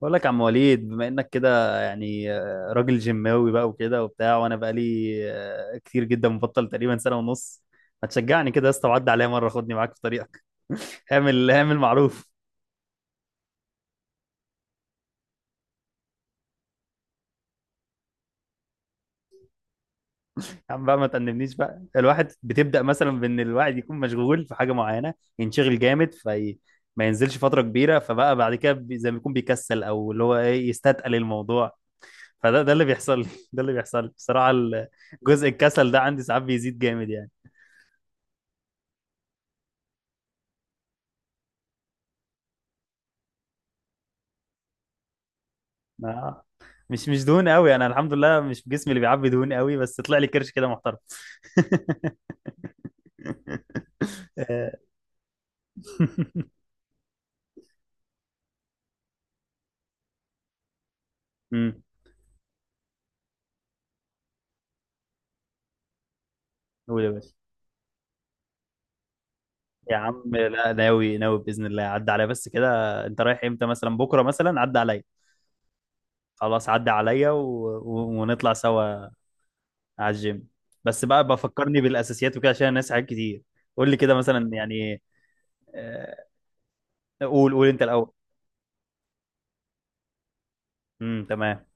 بقول لك يا عم وليد بما انك كده يعني راجل جيماوي بقى وكده وبتاع. وانا بقى لي كتير جدا مبطل تقريبا سنه ونص. ما تشجعني كده يا اسطى وعدي عليا مره خدني معاك في طريقك. اعمل معروف. يا عم بقى ما تأنبنيش، بقى الواحد بتبدأ مثلا بان الواحد يكون مشغول في حاجه معينه، ينشغل جامد في. ما ينزلش فتره كبيره، فبقى بعد كده زي ما يكون بيكسل او اللي هو ايه يستثقل الموضوع. فده اللي بيحصل لي. ده اللي بيحصل لي بصراحه. جزء الكسل ده عندي ساعات بيزيد جامد يعني. آه. مش دهون قوي، انا الحمد لله مش جسمي اللي بيعبي دهون قوي، بس طلع لي كرش كده محترم. آه. امم. قول يا باشا. يا عم لا، ناوي ناوي باذن الله، عدى عليا بس كده. انت رايح امتى مثلا؟ بكره مثلا؟ عدى عليا. خلاص عدى عليا، ونطلع سوا على الجيم. بس بقى بفكرني بالاساسيات وكده عشان الناس حاجات كتير. قول لي كده مثلا يعني. آه، قول قول انت الاول. امم، تمام.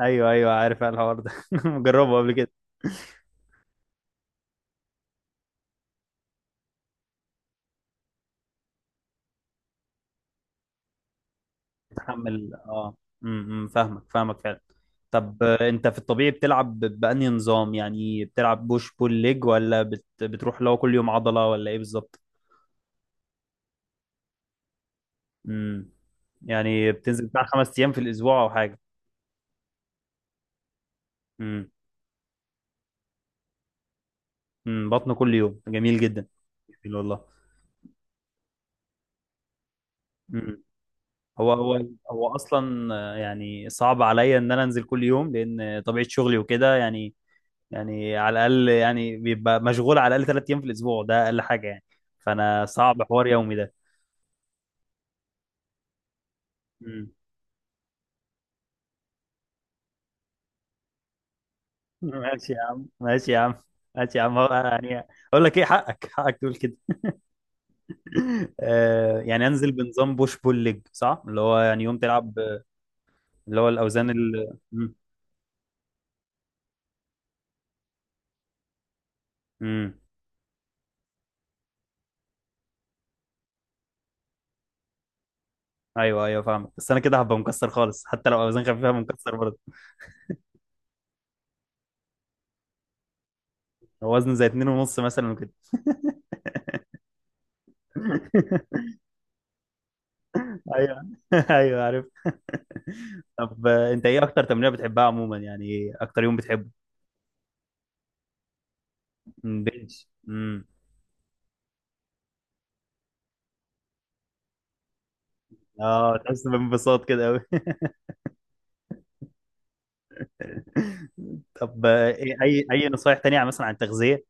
ايوه ايوه عارف الحوار ده. مجربه قبل كده. تحمل، اه. امم، فاهمك فاهمك فعلا. طب، انت في الطبيعي بتلعب بأنهي نظام؟ يعني بتلعب بوش بول ليج، ولا بتروح لو كل يوم عضلة ولا ايه بالظبط؟ امم. يعني بتنزل بتاع خمس ايام في الاسبوع او حاجة؟ امم. امم، بطن كل يوم جميل جدا. جميل والله. امم، هو اصلا يعني صعب عليا ان انا انزل كل يوم لان طبيعة شغلي وكده يعني. يعني على الاقل يعني بيبقى مشغول على الاقل ثلاث ايام في الاسبوع، ده اقل حاجه يعني. فانا صعب حوار يومي ده. مم. ماشي يا عم، ماشي يا عم، ماشي يا عم. هو يعني، اقول لك ايه، حقك حقك تقول كده. آه، يعني انزل بنظام بوش بول ليج صح، اللي هو يعني يوم تلعب. اللي هو الاوزان ال، مم. مم. ايوه ايوه فاهمك، بس انا كده هبقى مكسر خالص، حتى لو اوزان خفيفه هبقى مكسر برضه. وزن زي اتنين ونص مثلا وكده. ايوه. ايوه عارف. طب، انت ايه اكتر تمرينه بتحبها عموما؟ يعني ايه اكتر يوم بتحبه؟ مم، بنش. اه، تحس بانبساط كده قوي. طب، ايه اي نصايح تانية مثلا عن التغذيه؟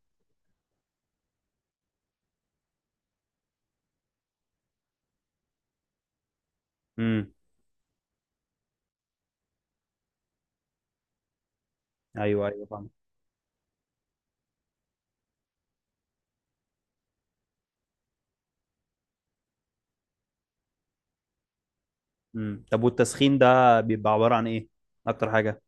امم. ايوه ايوه فاهم. طب والتسخين ده بيبقى عباره عن ايه اكتر حاجه؟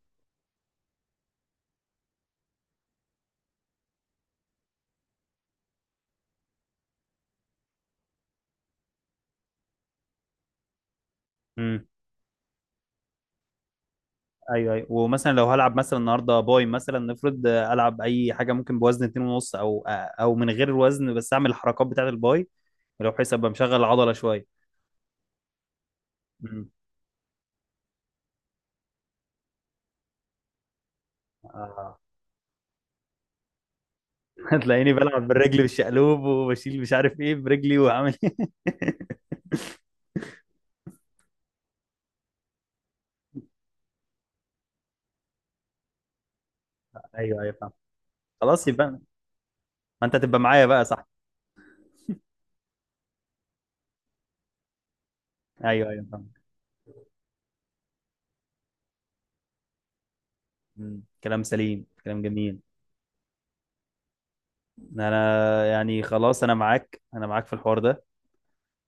امم ايوه ايوه. ومثلا لو هلعب مثلا النهارده باي مثلا، نفرض العب اي حاجه ممكن بوزن 2 ونص، او او من غير وزن، بس اعمل الحركات بتاعه الباي، لو بحيث ابقى مشغل العضله شويه. مم. اه. هتلاقيني بلعب بالرجل بالشقلوب وبشيل مش عارف ايه برجلي وعامل. ايوه ايوه فاهم. خلاص، يبقى ما انت هتبقى معايا بقى صح؟ ايوه ايوه فاهم. مم، كلام سليم، كلام جميل. انا يعني خلاص انا معاك، انا معاك في الحوار ده،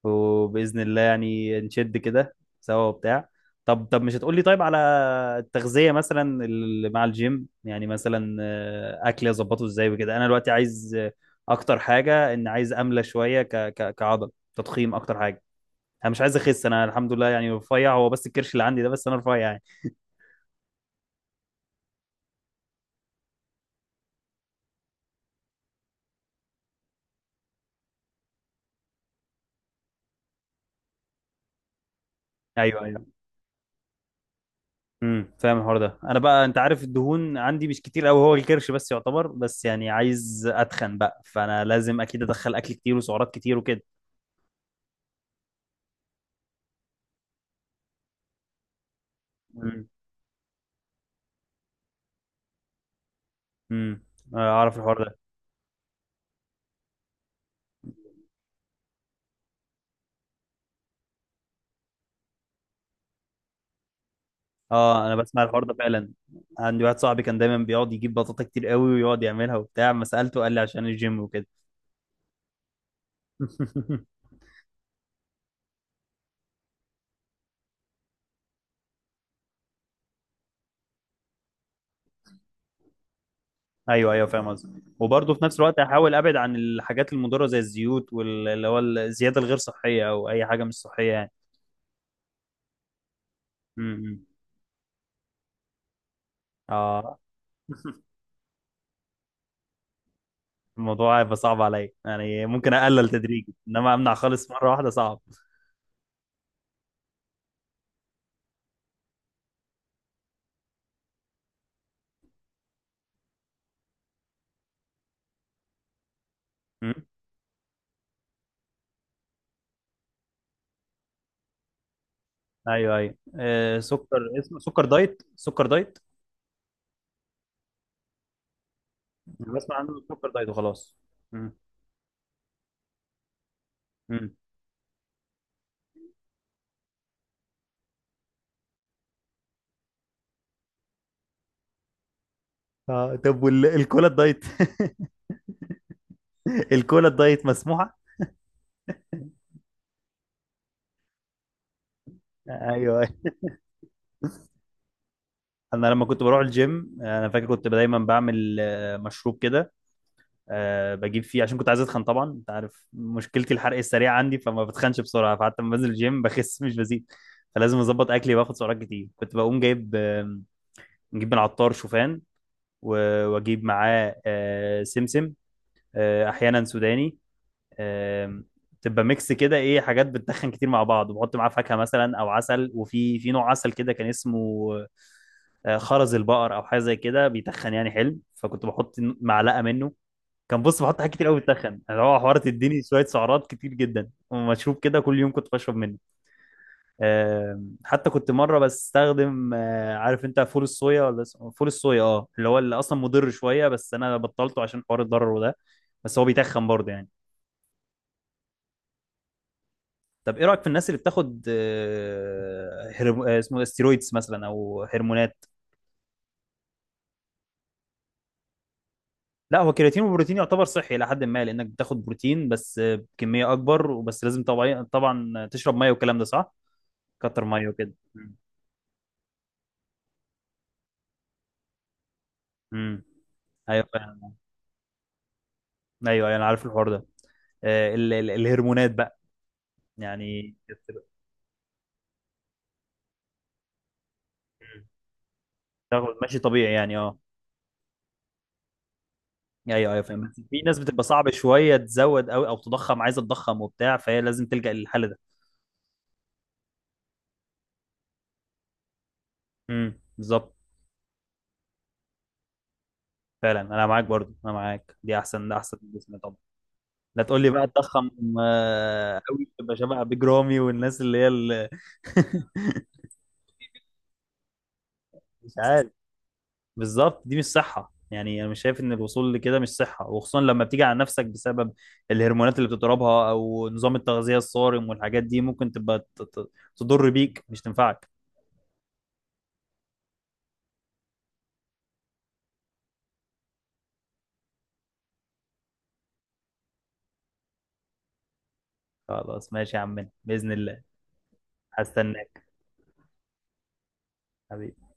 وبإذن الله يعني نشد كده سوا وبتاع. طب، مش هتقولي طيب على التغذية مثلا اللي مع الجيم، يعني مثلا أكلي أظبطه إزاي وكده؟ أنا دلوقتي عايز أكتر حاجة إن عايز أملى شوية ك ك كعضل، تضخيم أكتر حاجة. أنا مش عايز أخس، أنا الحمد لله يعني رفيع، هو بس الكرش اللي عندي ده بس، أنا رفيع يعني. أيوه أيوه. امم، فاهم الحوار ده. أنا بقى أنت عارف الدهون عندي مش كتير أوي، هو الكرش بس يعتبر، بس يعني عايز أتخن بقى، فأنا لازم أكيد أدخل أكل كتير وسعرات كتير وكده. امم، اعرف الحوار ده. اه، انا بسمع الحوار ده فعلا. عندي واحد صاحبي كان دايما بيقعد يجيب بطاطا كتير قوي ويقعد يعملها وبتاع، ما سالته قال لي عشان الجيم وكده. ايوه ايوه فاهم قصدي. وبرضه في نفس الوقت احاول ابعد عن الحاجات المضره زي الزيوت، واللي هو الزياده الغير صحيه او اي حاجه مش صحيه يعني. امم. اه. الموضوع هيبقى صعب عليا يعني، ممكن اقلل تدريجي، انما امنع خالص مره واحده صعب. امم. ايوه ايوه. آه، سكر اسمه سكر دايت، سكر دايت. انا بسمع عنه السكر دايت وخلاص. مم. مم. اه، طب والكولا الدايت؟ الكولا الدايت مسموحة؟ ايوه، أيوة. انا لما كنت بروح الجيم انا فاكر كنت دايما بعمل مشروب كده. بجيب فيه عشان كنت عايز اتخن، طبعا انت عارف مشكلتي الحرق السريع عندي، فما بتخنش بسرعة، فحتى لما بنزل الجيم بخس مش بزيد. فلازم اظبط اكلي واخد سعرات كتير، كنت بقوم جايب نجيب من عطار شوفان، واجيب معاه سمسم، احيانا سوداني، آم، تبقى ميكس كده، ايه، حاجات بتدخن كتير مع بعض، وبحط معاه فاكهه مثلا او عسل. وفي نوع عسل كده كان اسمه خرز البقر او حاجه زي كده، بيتخن يعني حلو، فكنت بحط معلقه منه. كان بص بحط حاجات كتير قوي بتتخن، اللي هو حوار تديني شويه سعرات كتير جدا، ومشروب كده كل يوم كنت بشرب منه. حتى كنت مره بستخدم عارف انت فول الصويا، ولا اسمه فول الصويا، اه، اللي هو اللي اصلا مضر شويه، بس انا بطلته عشان حوار الضرر ده، بس هو بيتخن برضه يعني. طب، ايه رايك في الناس اللي بتاخد اسمه إيه، ستيرويدز مثلا او هرمونات؟ لا، هو كرياتين وبروتين يعتبر صحي الى حد ما، لانك بتاخد بروتين بس بكميه اكبر وبس، لازم طبعا طبعا تشرب ميه، والكلام ده صح، كتر ميه وكده. مم. مم. ايوه فاهم، ايوه أيوة، انا عارف الحوار ده. الهرمونات بقى، يعني بتبقى. مم. تاخد ماشي طبيعي يعني، اه. ايوه ايوه فاهم، بس في ناس بتبقى صعب شويه تزود، او تضخم، عايزه تضخم وبتاع، فهي لازم تلجأ للحل ده. امم، بالظبط. فعلا انا معاك، برضو انا معاك، دي احسن، ده احسن جسم طبعا. لا، تقول لي بقى تضخم قوي تبقى شبه بيج رامي والناس اللي هي اللي؟ مش عارف، بالظبط. دي مش صحه يعني، انا مش شايف ان الوصول لكده مش صحه، وخصوصا لما بتيجي على نفسك بسبب الهرمونات اللي بتضربها او نظام التغذيه الصارم، والحاجات دي ممكن تبقى تضر بيك مش تنفعك. خلاص ماشي يا عمنا باذن الله. هستناك. حبيبي.